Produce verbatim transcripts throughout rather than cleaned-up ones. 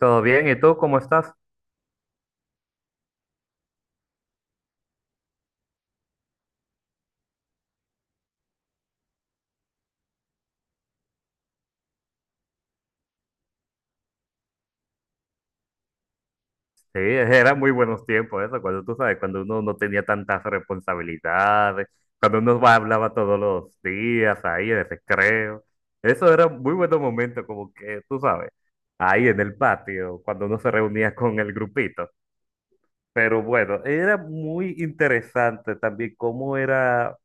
¿Todo bien? ¿Y tú cómo estás? Sí, eran muy buenos tiempos eso, cuando tú sabes, cuando uno no tenía tantas responsabilidades, cuando uno va- hablaba todos los días ahí en el recreo. Eso era un muy buenos momentos, como que tú sabes, ahí en el patio, cuando uno se reunía con el grupito. Pero bueno, era muy interesante también cómo era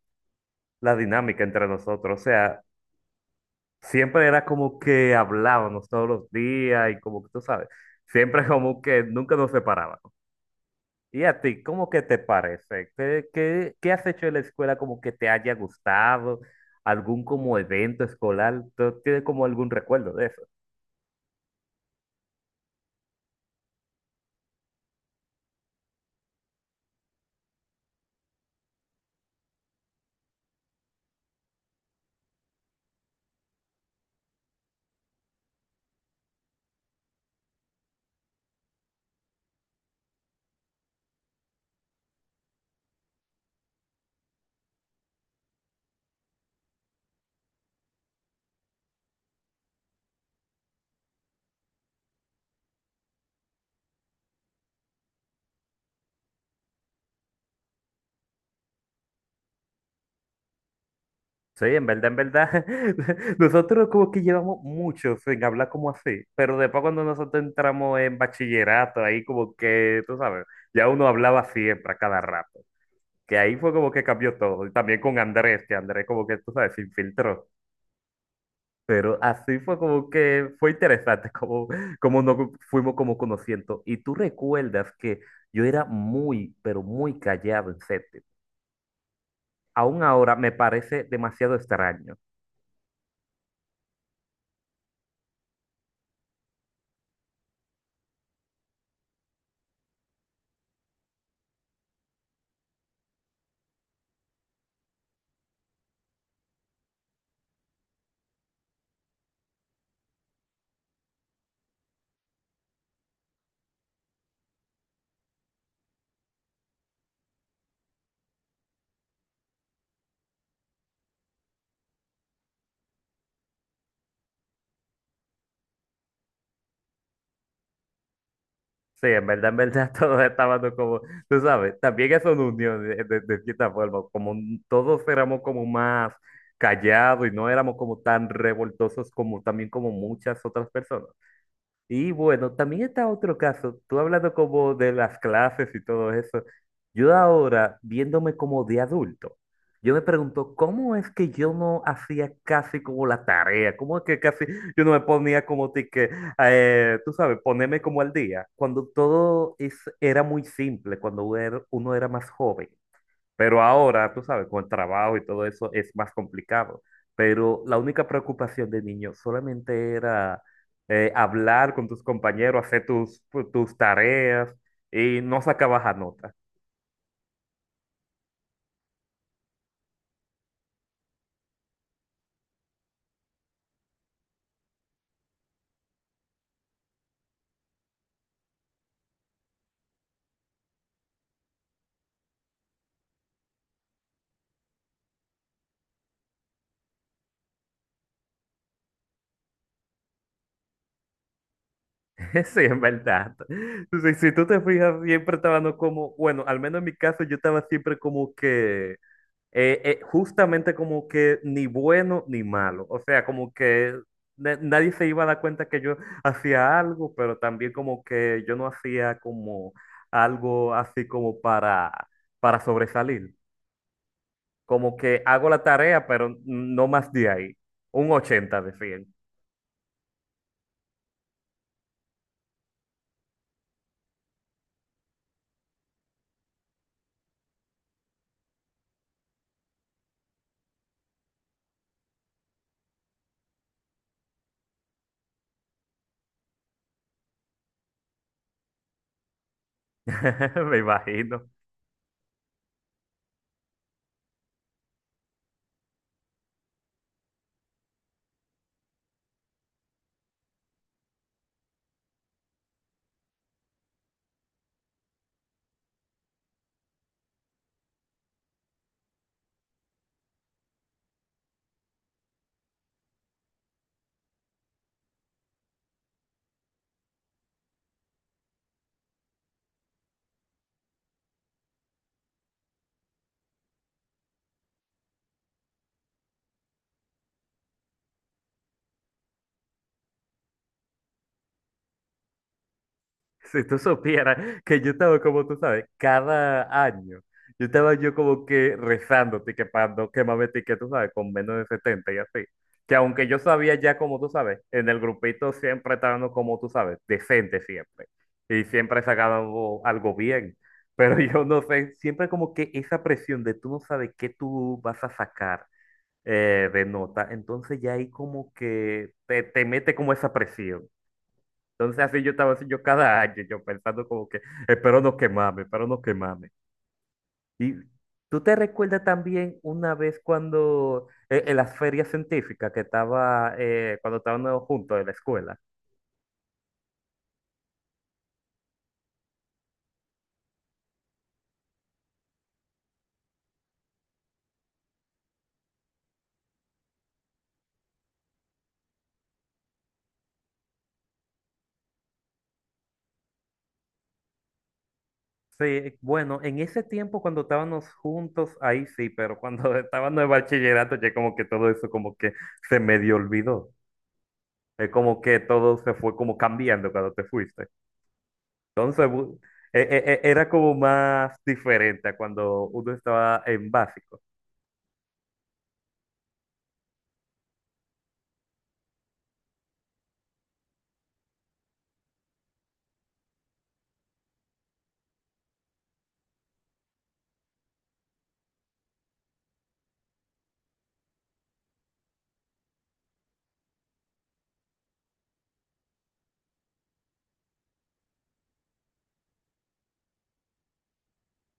la dinámica entre nosotros. O sea, siempre era como que hablábamos todos los días y como que tú sabes, siempre como que nunca nos separábamos. ¿Y a ti, cómo que te parece? ¿Qué, qué, qué has hecho en la escuela como que te haya gustado? ¿Algún como evento escolar? ¿Tú tienes como algún recuerdo de eso? Sí, en verdad, en verdad, nosotros como que llevamos mucho sin hablar como así, pero después cuando nosotros entramos en bachillerato, ahí como que, tú sabes, ya uno hablaba siempre, a cada rato, que ahí fue como que cambió todo, y también con Andrés, que Andrés como que, tú sabes, se infiltró. Pero así fue como que fue interesante, como, como nos fuimos como conociendo. Y tú recuerdas que yo era muy, pero muy callado en séptimo. Aún ahora me parece demasiado extraño. Sí, en verdad, en verdad, todos estábamos como, tú sabes, también es una unión de, de- de cierta forma, como n- todos éramos como más callados y no éramos como tan revoltosos como también como muchas otras personas. Y bueno, también está otro caso, tú hablando como de las clases y todo eso, yo ahora viéndome como de adulto, yo me pregunto, ¿cómo es que yo no hacía casi como la tarea? ¿Cómo es que casi yo no me ponía como ti que, eh, tú sabes, ponerme como al día, cuando todo es, era muy simple, cuando era uno era más joven? Pero ahora, tú sabes, con el trabajo y todo eso es más complicado. Pero la única preocupación de niño solamente era eh, hablar con tus compañeros, hacer tus, pu- tus tareas y no sacabas a nota. Sí, en verdad. Entonces, si tú te fijas, siempre estaba no como, bueno, al menos en mi caso, yo estaba siempre como que eh, eh, justamente como que ni bueno ni malo. O sea, como que na- nadie se iba a dar cuenta que yo hacía algo, pero también como que yo no hacía como algo así como para, para sobresalir. Como que hago la tarea, pero no más de ahí. Un ochenta de cien, me imagino. Si tú supieras que yo estaba, como tú sabes, cada año, yo estaba yo como que rezando, que para no quemarme ticket, tú sabes, con menos de setenta y así. Que aunque yo sabía ya, como tú sabes, en el grupito siempre estábamos, como tú sabes, decente siempre. Y siempre sacaban algo, algo bien. Pero yo no sé, siempre como que esa presión de tú no sabes qué tú vas a sacar eh, de nota, entonces ya ahí como que te, te mete como esa presión. Entonces así yo estaba así yo cada año, yo pensando como que espero no quemarme, espero no quemarme. Y tú te recuerdas también una vez cuando eh, en las ferias científicas que estaba, eh, cuando estábamos juntos en la escuela. Sí, bueno, en ese tiempo cuando estábamos juntos, ahí sí, pero cuando estábamos en bachillerato ya como que todo eso como que se medio olvidó. Es como que todo se fue como cambiando cuando te fuiste. Entonces, bu- e- e- e- era como más diferente a cuando uno estaba en básico.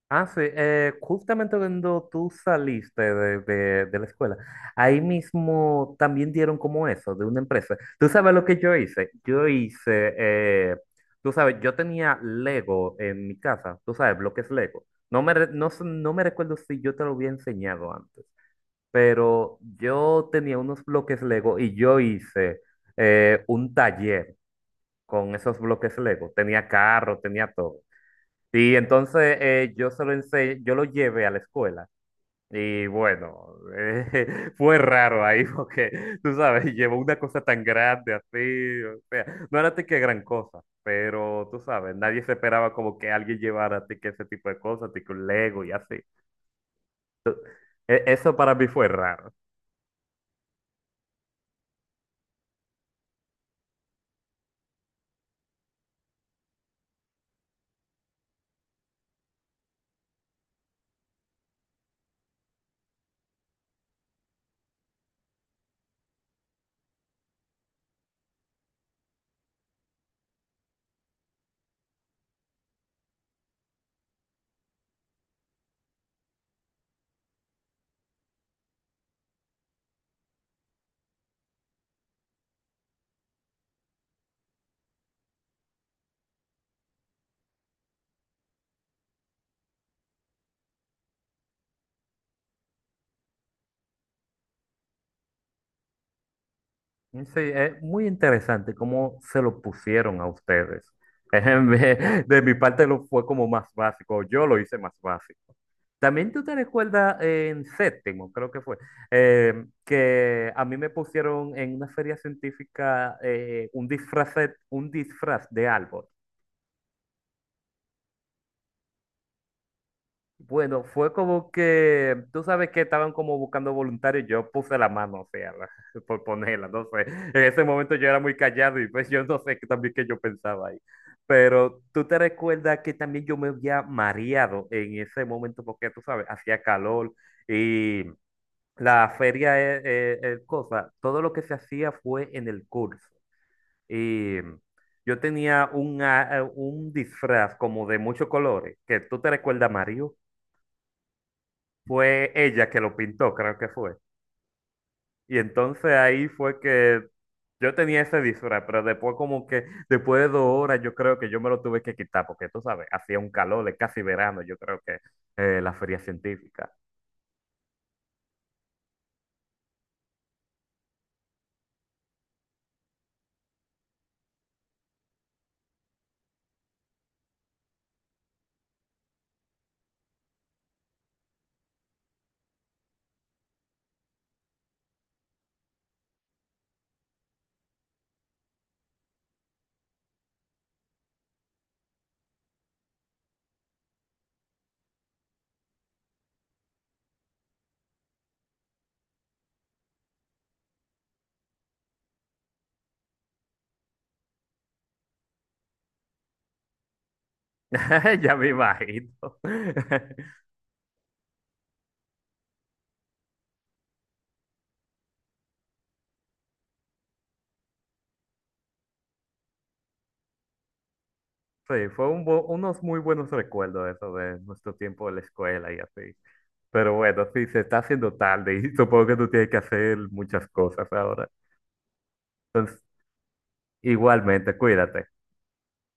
Ah, sí, eh, justamente cuando tú saliste de, de- de la escuela, ahí mismo también dieron como eso, de una empresa. ¿Tú sabes lo que yo hice? Yo hice, eh, tú sabes, yo tenía Lego en mi casa, tú sabes, bloques Lego. No me, re- no, sé- No me recuerdo si yo te lo había enseñado antes, pero yo tenía unos bloques Lego y yo hice eh, un taller con esos bloques Lego. Tenía carro, tenía todo. Y entonces eh, yo se lo ense- yo lo llevé a la escuela. Y bueno, eh, fue raro ahí porque, tú sabes, llevó una cosa tan grande así, o sea, no era de que gran cosa, pero tú sabes, nadie se esperaba como que alguien llevara a que ese tipo de cosas, de que un Lego y así. E- Eso para mí fue raro. Sí, es muy interesante cómo se lo pusieron a ustedes. En vez- De mi parte lo fue como más básico, yo lo hice más básico. También tú te recuerdas eh, en séptimo, creo que fue, eh, que a mí me pusieron en una feria científica eh, un disfraz, un disfraz de árbol. Bueno, fue como que, tú sabes que estaban como buscando voluntarios, yo puse la mano, o sea, la- por ponerla, no sé. En ese momento yo era muy callado y pues yo no sé qué también que yo pensaba ahí. Pero tú te recuerdas que también yo me había mareado en ese momento porque tú sabes, hacía calor y la feria es, es- es cosa, todo lo que se hacía fue en el curso. Y yo tenía un, a- un disfraz como de muchos colores, que tú te recuerdas, Mario fue ella que lo pintó, creo que fue. Y entonces ahí fue que yo tenía ese disfraz, pero después como que, después de dos horas, yo creo que yo me lo tuve que quitar, porque tú sabes, hacía un calor de casi verano, yo creo que eh, la feria científica. Ya me imagino. Sí, fue un bu- unos muy buenos recuerdos eso de nuestro tiempo de la escuela y así. Pero bueno, sí, se está haciendo tarde y supongo que tú tienes que hacer muchas cosas ahora. Entonces, igualmente, cuídate.